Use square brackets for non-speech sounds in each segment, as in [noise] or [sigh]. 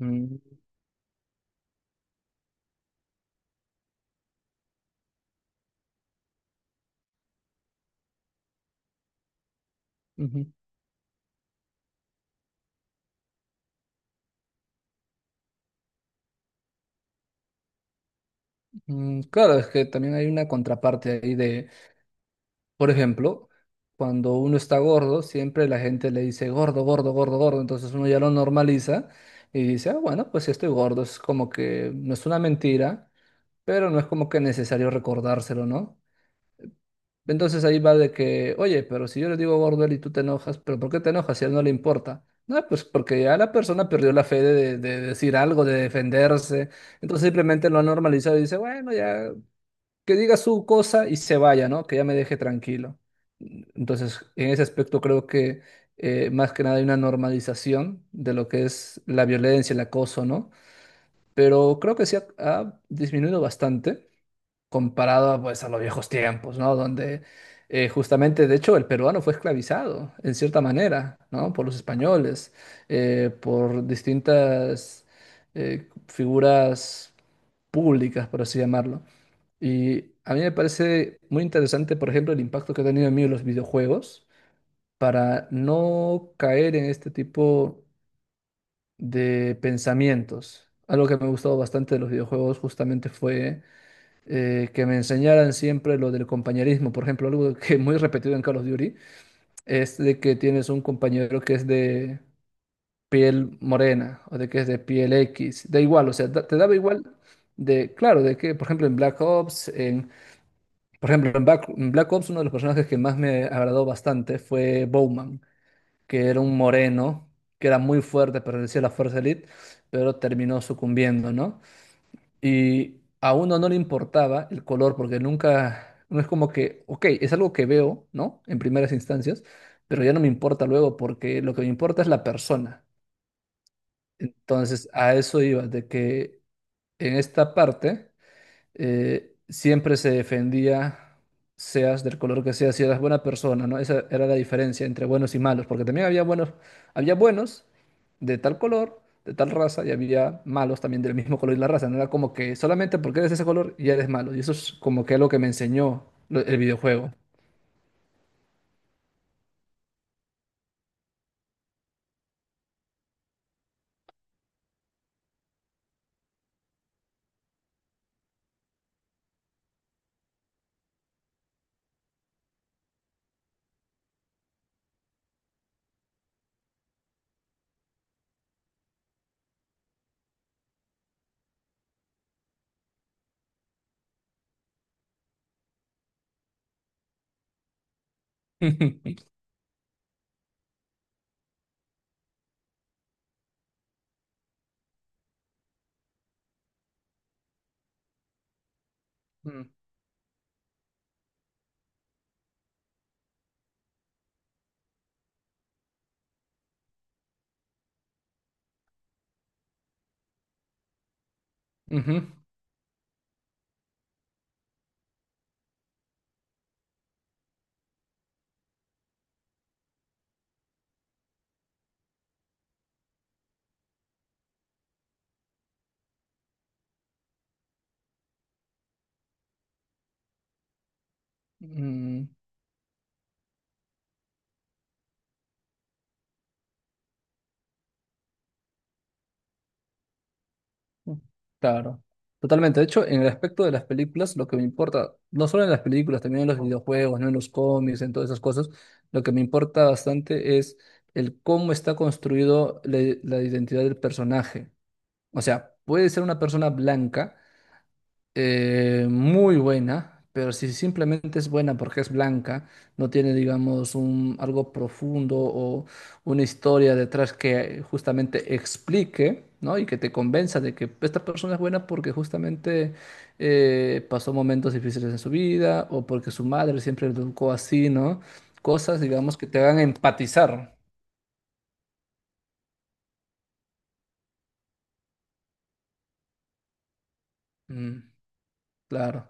Mm, ujú. Mm, claro, es que también hay una contraparte ahí de, por ejemplo, cuando uno está gordo, siempre la gente le dice gordo, gordo, gordo, gordo, entonces uno ya lo normaliza y dice, ah, bueno, pues si estoy gordo, es como que no es una mentira, pero no es como que necesario recordárselo, ¿no? Entonces ahí va de que, oye, pero si yo le digo gordo a él y tú te enojas, pero ¿por qué te enojas si a él no le importa? No, pues porque ya la persona perdió la fe de de decir algo, de defenderse. Entonces simplemente lo ha normalizado y dice, bueno, ya, que diga su cosa y se vaya, ¿no? Que ya me deje tranquilo. Entonces, en ese aspecto creo que más que nada hay una normalización de lo que es la violencia, el acoso, ¿no? Pero creo que sí ha disminuido bastante comparado a, pues, a los viejos tiempos, ¿no? Donde justamente, de hecho, el peruano fue esclavizado, en cierta manera, ¿no? Por los españoles, por distintas figuras públicas, por así llamarlo. Y a mí me parece muy interesante, por ejemplo, el impacto que ha tenido en mí los videojuegos para no caer en este tipo de pensamientos. Algo que me ha gustado bastante de los videojuegos justamente fue que me enseñaran siempre lo del compañerismo. Por ejemplo, algo [laughs] que es muy repetido en Call of Duty es de que tienes un compañero que es de piel morena o de que es de piel X. Da igual, o sea, te daba igual de, claro, de que, por ejemplo, en Black Ops, Por ejemplo, en Black Ops uno de los personajes que más me agradó bastante fue Bowman, que era un moreno, que era muy fuerte, pertenecía a la Fuerza Elite, pero terminó sucumbiendo, ¿no? Y a uno no le importaba el color, porque nunca, no es como que, ok, es algo que veo, ¿no? En primeras instancias, pero ya no me importa luego, porque lo que me importa es la persona. Entonces, a eso iba, de que en esta parte. Siempre se defendía, seas del color que seas, si eras buena persona, ¿no? Esa era la diferencia entre buenos y malos, porque también había buenos de tal color, de tal raza, y había malos también del mismo color y la raza. No era como que solamente porque eres de ese color ya eres malo. Y eso es como que algo que me enseñó el videojuego. [laughs] Mm, ujú. Mm, mm, claro, totalmente. De hecho, en el aspecto de las películas, lo que me importa, no solo en las películas, también en los videojuegos, ¿no? En los cómics, en todas esas cosas, lo que me importa bastante es el cómo está construido la identidad del personaje. O sea, puede ser una persona blanca muy buena, pero si simplemente es buena porque es blanca, no tiene, digamos, algo profundo o una historia detrás que justamente explique, ¿no? Y que te convenza de que esta persona es buena porque justamente pasó momentos difíciles en su vida o porque su madre siempre le educó así, ¿no? Cosas, digamos, que te hagan empatizar. Mm, claro,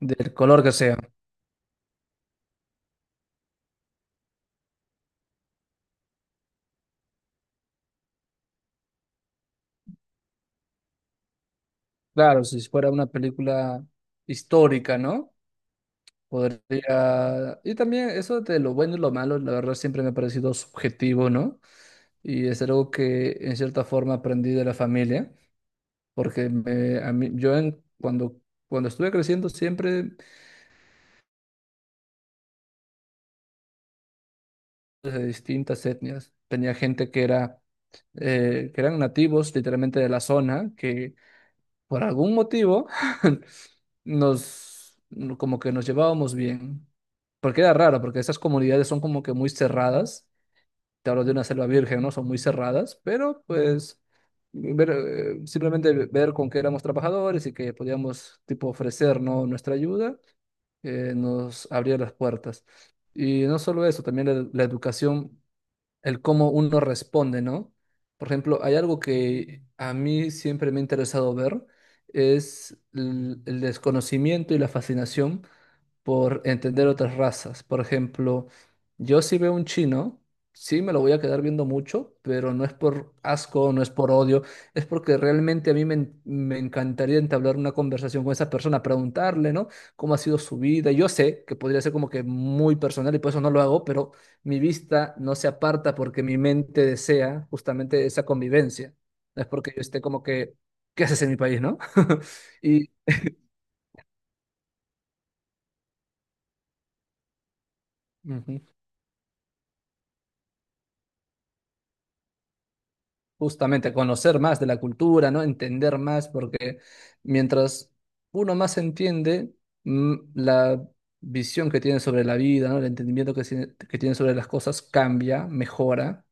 del color que sea. Claro, si fuera una película histórica, ¿no? Podría. Y también eso de lo bueno y lo malo, la verdad siempre me ha parecido subjetivo, ¿no? Y es algo que en cierta forma aprendí de la familia, porque me- a mí- yo en- cuando, cuando estuve creciendo siempre pues, de distintas etnias. Tenía gente que eran nativos literalmente de la zona, que por algún motivo [laughs] nos, como que nos llevábamos bien. Porque era raro, porque esas comunidades son como que muy cerradas, te hablo de una selva virgen, ¿no? Son muy cerradas, pero pues simplemente ver con que éramos trabajadores y que podíamos, tipo, ofrecer, ¿no?, nuestra ayuda, nos abría las puertas. Y no solo eso, también la educación, el cómo uno responde, ¿no? Por ejemplo, hay algo que a mí siempre me ha interesado ver, es el desconocimiento y la fascinación por entender otras razas. Por ejemplo, yo si veo un chino, sí me lo voy a quedar viendo mucho, pero no es por asco, no es por odio, es porque realmente a mí me encantaría entablar una conversación con esa persona, preguntarle, ¿no? ¿Cómo ha sido su vida? Yo sé que podría ser como que muy personal y por eso no lo hago, pero mi vista no se aparta porque mi mente desea justamente esa convivencia. No es porque yo esté como que, ¿qué haces en mi país, no? [laughs] Y... Ujú. Justamente, conocer más de la cultura, ¿no? Entender más, porque mientras uno más entiende, la visión que tiene sobre la vida, ¿no? El entendimiento que tiene sobre las cosas cambia, mejora.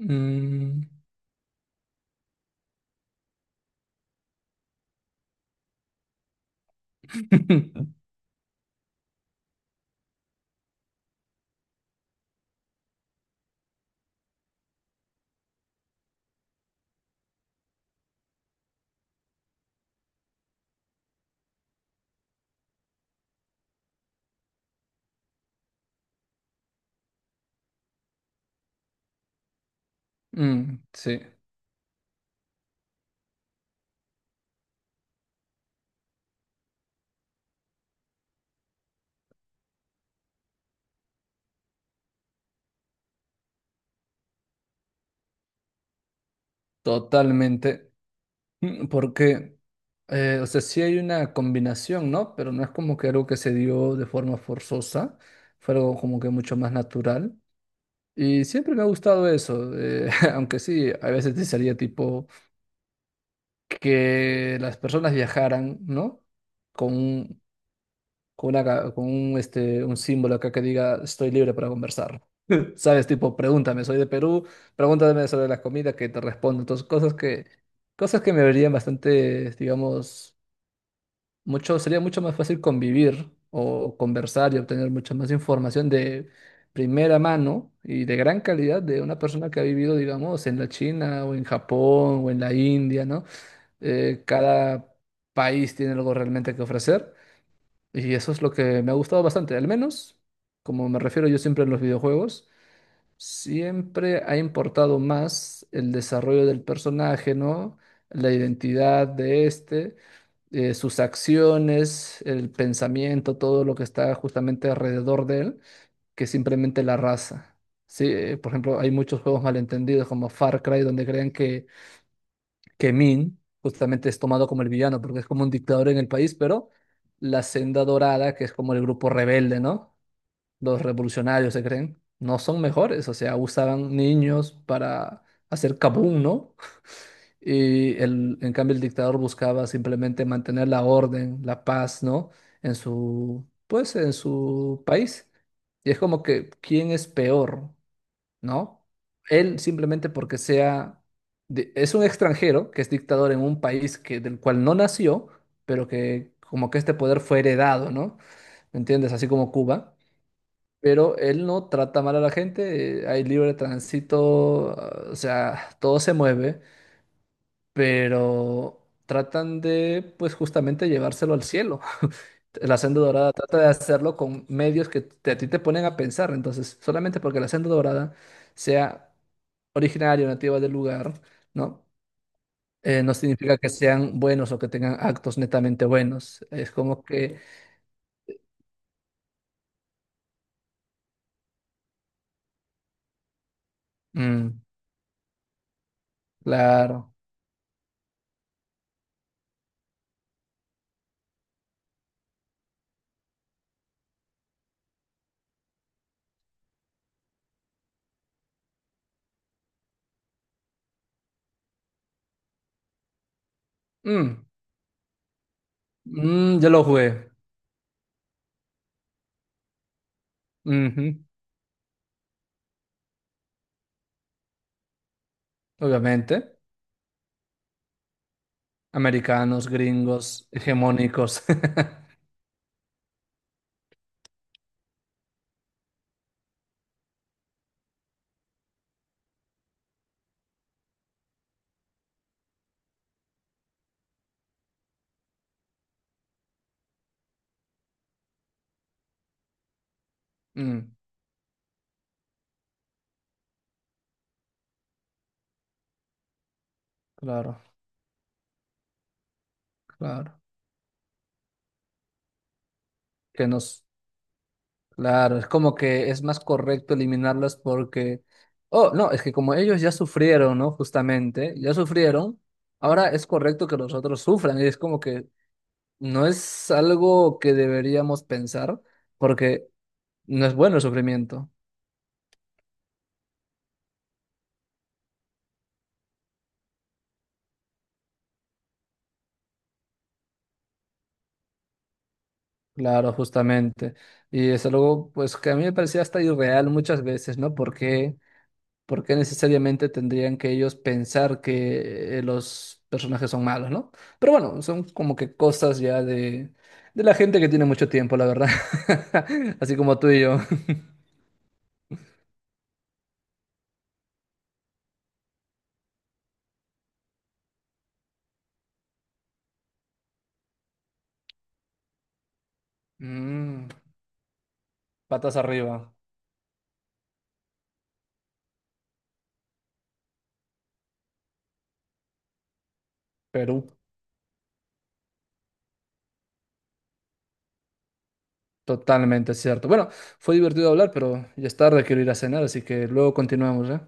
Mm. [laughs] Mm, sí, totalmente. Mm, porque, o sea, sí hay una combinación, ¿no? Pero no es como que algo que se dio de forma forzosa, fue algo como que mucho más natural. Y siempre me ha gustado eso, [laughs] aunque sí, a veces te salía tipo que las personas viajaran, ¿no? Con un, con una ca- con un, este, un símbolo acá que diga estoy libre para conversar. [laughs] ¿Sabes? Tipo, pregúntame, soy de Perú, pregúntame sobre la comida que te respondo. Entonces, cosas que me verían bastante, digamos, mucho, sería mucho más fácil convivir o conversar y obtener mucha más información de primera mano y de gran calidad de una persona que ha vivido, digamos, en la China o en Japón o en la India, ¿no? Cada país tiene algo realmente que ofrecer y eso es lo que me ha gustado bastante, al menos, como me refiero yo siempre en los videojuegos. Siempre ha importado más el desarrollo del personaje, ¿no? La identidad de este, sus acciones, el pensamiento, todo lo que está justamente alrededor de él, que simplemente la raza. Sí, por ejemplo, hay muchos juegos malentendidos como Far Cry, donde creen que Min justamente es tomado como el villano, porque es como un dictador en el país, pero la senda dorada, que es como el grupo rebelde, ¿no? Los revolucionarios se creen, no son mejores, o sea, usaban niños para hacer kabum, ¿no? [laughs] Y en cambio el dictador buscaba simplemente mantener la orden, la paz, ¿no? En su país. Y es como que, ¿quién es peor, no? Él simplemente porque sea, es un extranjero que es dictador en un país que, del cual no nació, pero que como que este poder fue heredado, ¿no? ¿Me entiendes? Así como Cuba. Pero él no trata mal a la gente, hay libre tránsito, ah, o sea, todo se mueve, pero tratan de, pues justamente llevárselo al cielo. La senda dorada trata de hacerlo con medios que a ti te ponen a pensar, entonces, solamente porque la senda dorada sea originaria, o nativa del lugar, ¿no? No significa que sean buenos o que tengan actos netamente buenos. Es como que. Mm. Claro. Mm. Mm. Yo lo jugué. Ujú. Obviamente, americanos, gringos, hegemónicos. [laughs] Mm, claro, claro. Que nos. Claro, es como que es más correcto eliminarlas porque, oh, no, es que como ellos ya sufrieron, ¿no? Justamente, ya sufrieron, ahora es correcto que los otros sufran. Y es como que no es algo que deberíamos pensar porque no es bueno el sufrimiento. Claro, justamente. Y es algo, pues, que a mí me parecía hasta irreal muchas veces, ¿no? Porque, ¿por qué necesariamente tendrían que ellos pensar que los personajes son malos, no? Pero bueno, son como que cosas ya de la gente que tiene mucho tiempo, la verdad. [laughs] Así como tú y yo. [laughs] Mm, patas arriba, Perú. Totalmente cierto. Bueno, fue divertido hablar, pero ya es tarde, quiero ir a cenar, así que luego continuamos, ¿eh?